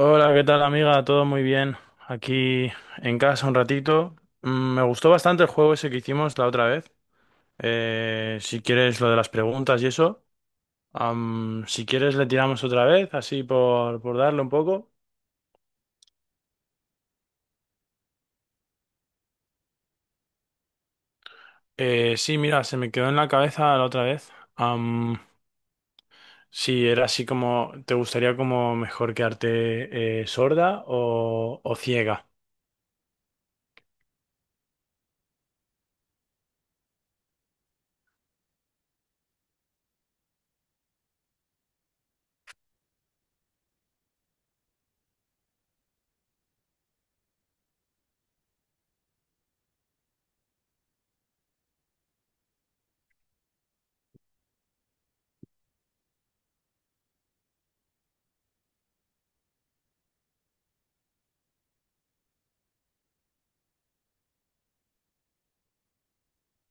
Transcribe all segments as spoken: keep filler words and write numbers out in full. Hola, ¿qué tal amiga? Todo muy bien. Aquí en casa un ratito. Mm, Me gustó bastante el juego ese que hicimos la otra vez. Eh, si quieres lo de las preguntas y eso. Am, si quieres le tiramos otra vez, así por, por darle un poco. Eh, sí, mira, se me quedó en la cabeza la otra vez. Am, si era así como, ¿te gustaría como mejor quedarte eh, sorda o, o ciega?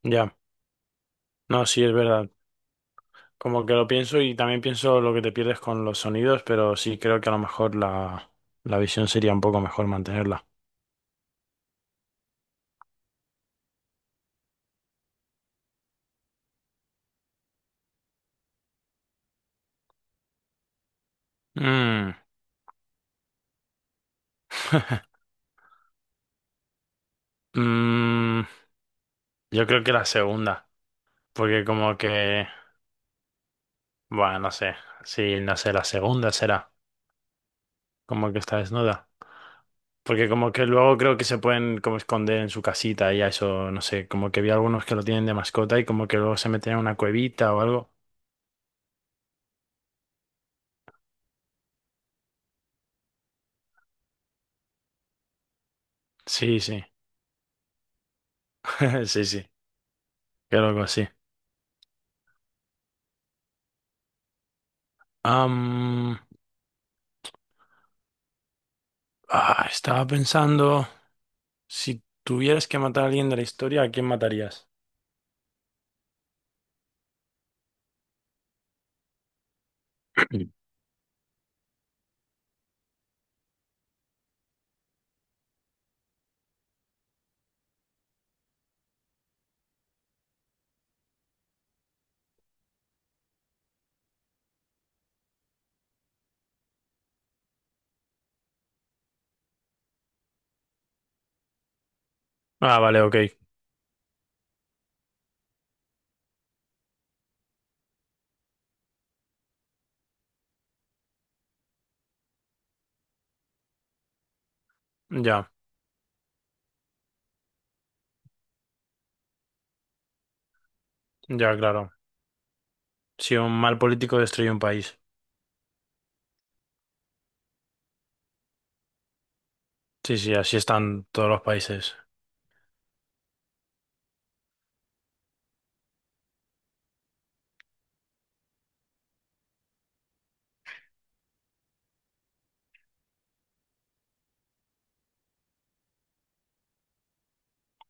Ya, no, sí, es verdad. Como que lo pienso y también pienso lo que te pierdes con los sonidos, pero sí creo que a lo mejor la, la visión sería un poco mejor mantenerla. Mm. Mm, yo creo que la segunda, porque como que, bueno, no sé, sí, no sé, la segunda será, como que está desnuda, porque como que luego creo que se pueden como esconder en su casita y a eso, no sé, como que vi algunos que lo tienen de mascota y como que luego se meten en una cuevita o algo. Sí, sí, sí, sí, creo que sí. Ah, estaba pensando, si tuvieras que matar a alguien de la historia, ¿a quién matarías? Ah, vale, ok. Ya, ya, claro. Si un mal político destruye un país. Sí, sí, así están todos los países.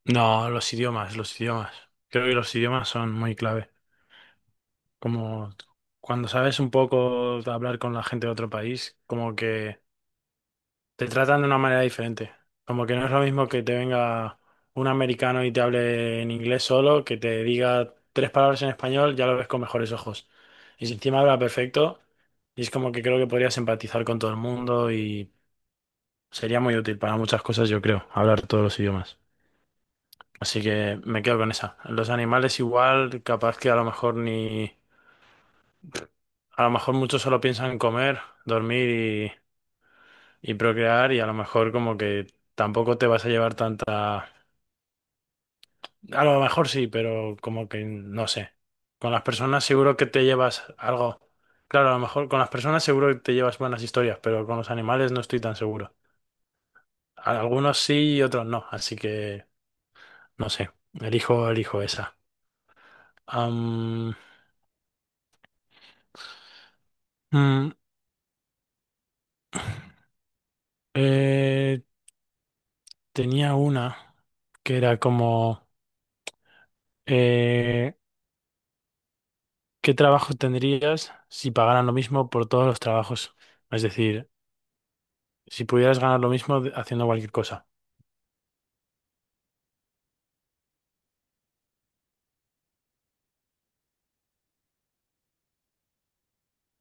No, los idiomas, los idiomas. Creo que los idiomas son muy clave. Como cuando sabes un poco de hablar con la gente de otro país, como que te tratan de una manera diferente. Como que no es lo mismo que te venga un americano y te hable en inglés solo, que te diga tres palabras en español, ya lo ves con mejores ojos. Y si encima habla perfecto, y es como que creo que podrías empatizar con todo el mundo y sería muy útil para muchas cosas, yo creo, hablar todos los idiomas. Así que me quedo con esa. Los animales igual, capaz que a lo mejor ni... A lo mejor muchos solo piensan en comer, dormir y, y procrear y a lo mejor como que tampoco te vas a llevar tanta. A lo mejor sí, pero como que no sé. Con las personas seguro que te llevas algo. Claro, a lo mejor con las personas seguro que te llevas buenas historias, pero con los animales no estoy tan seguro. Algunos sí y otros no, así que no sé. Elijo, elijo esa. Am, mm, eh, tenía una que era como eh, ¿qué trabajo tendrías si pagaran lo mismo por todos los trabajos? Es decir, si pudieras ganar lo mismo de- haciendo cualquier cosa.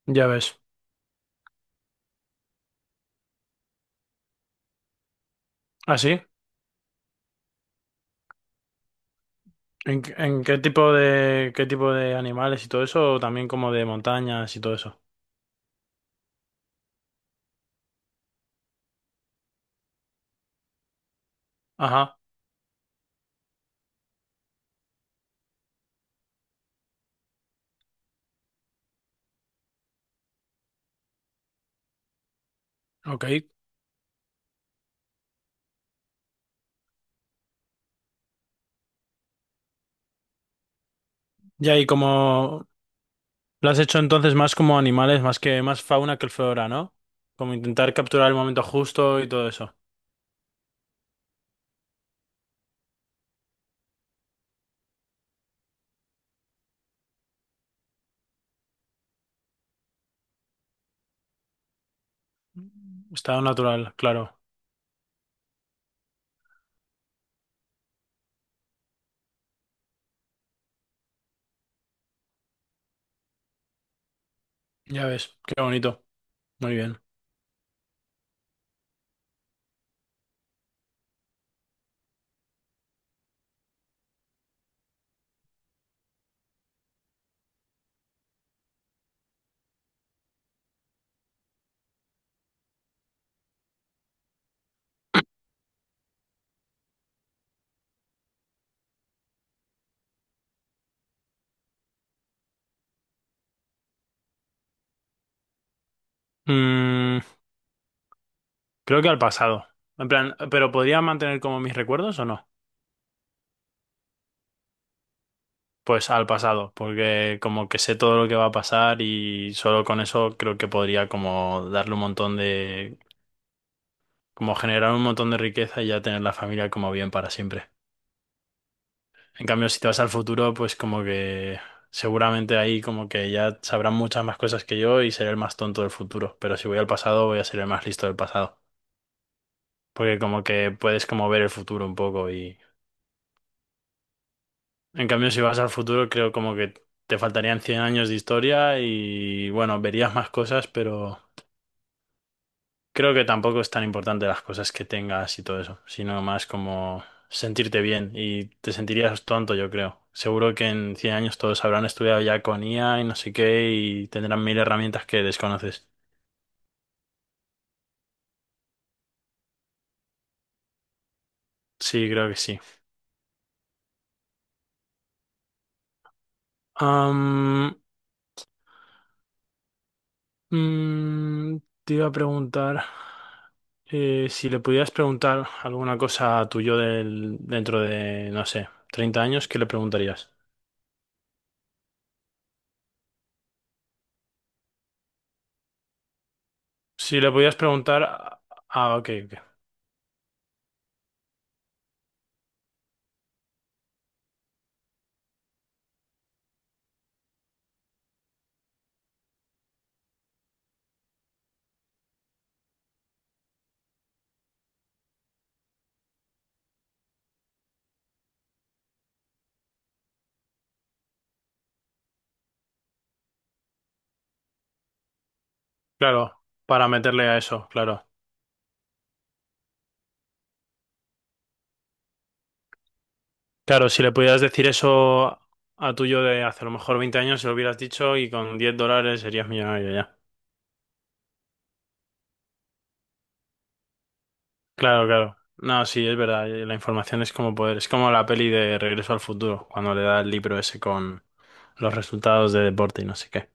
Ya ves. ¿Ah, sí? ¿En, qué en qué tipo de qué tipo de animales y todo eso? O también como de montañas y todo eso. Ajá, ok. Ya, y como lo has hecho entonces más como animales, más que más fauna que flora, ¿no? Como intentar capturar el momento justo y todo eso. Estado natural, claro. Ya ves, qué bonito. Muy bien. Mm, creo que al pasado. En plan, ¿pero podría mantener como mis recuerdos o no? Pues al pasado, porque como que sé todo lo que va a pasar y solo con eso creo que podría como darle un montón de, como generar un montón de riqueza y ya tener la familia como bien para siempre. En cambio, si te vas al futuro, pues como que seguramente ahí como que ya sabrán muchas más cosas que yo y seré el más tonto del futuro, pero si voy al pasado voy a ser el más listo del pasado, porque como que puedes como ver el futuro un poco y... En cambio, si vas al futuro, creo como que te faltarían cien años de historia y bueno, verías más cosas, pero... Creo que tampoco es tan importante las cosas que tengas y todo eso, sino más como sentirte bien y te sentirías tonto, yo creo. Seguro que en cien años todos habrán estudiado ya con I A y no sé qué y tendrán mil herramientas que desconoces. Sí, creo que sí. Am, mm, te iba a preguntar eh, si le pudieras preguntar alguna cosa a tu yo del, dentro de, no sé, treinta años, ¿qué le preguntarías? Si le pudieras preguntar... Ah, ok, ok. Claro, para meterle a eso, claro. Claro, si le pudieras decir eso a tuyo de hace a lo mejor veinte años, se lo hubieras dicho y con diez dólares serías millonario ya. Claro, claro. No, sí, es verdad. eh, La información es como poder. Es como la peli de Regreso al Futuro, cuando le da el libro ese con los resultados de deporte y no sé qué.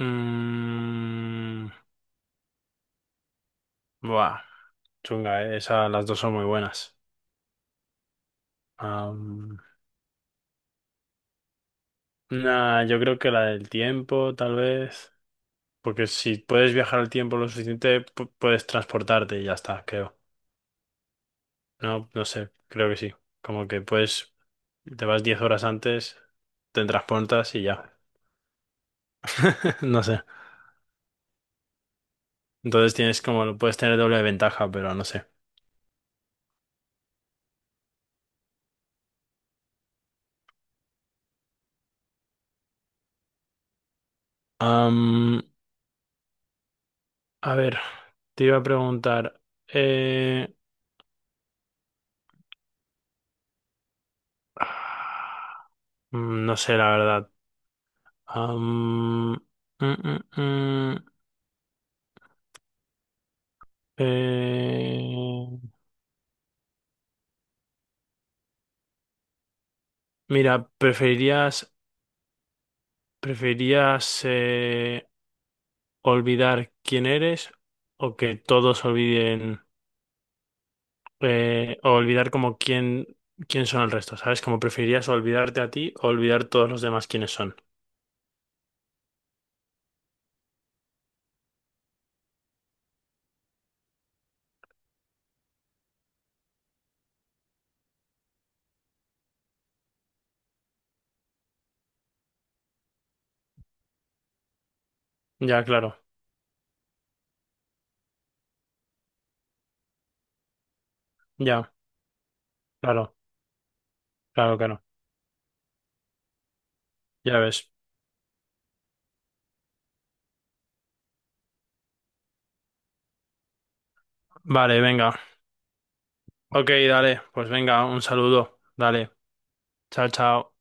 Mm, buah, chunga, eh. Esa, las dos son muy buenas. Am, nah, yo creo que la del tiempo, tal vez. Porque si puedes viajar al tiempo lo suficiente, pu- puedes transportarte y ya está, creo. No, no sé, creo que sí. Como que puedes, te vas diez horas antes, te transportas y ya. No sé. Entonces tienes como, lo puedes tener doble de ventaja, pero no sé. Am, a ver, te iba a preguntar. eh, mm, no sé, la verdad. Am, mm, mm, mm, eh, mira, ¿preferirías ¿Preferías eh, olvidar quién eres o que todos olviden eh, o olvidar como quién, quién son el resto? ¿Sabes? Como preferirías olvidarte a ti o olvidar todos los demás quiénes son. Ya, claro. Ya, claro. Claro, claro. Ya ves. Vale, venga. Ok, dale. Pues venga, un saludo. Dale. Chao, chao.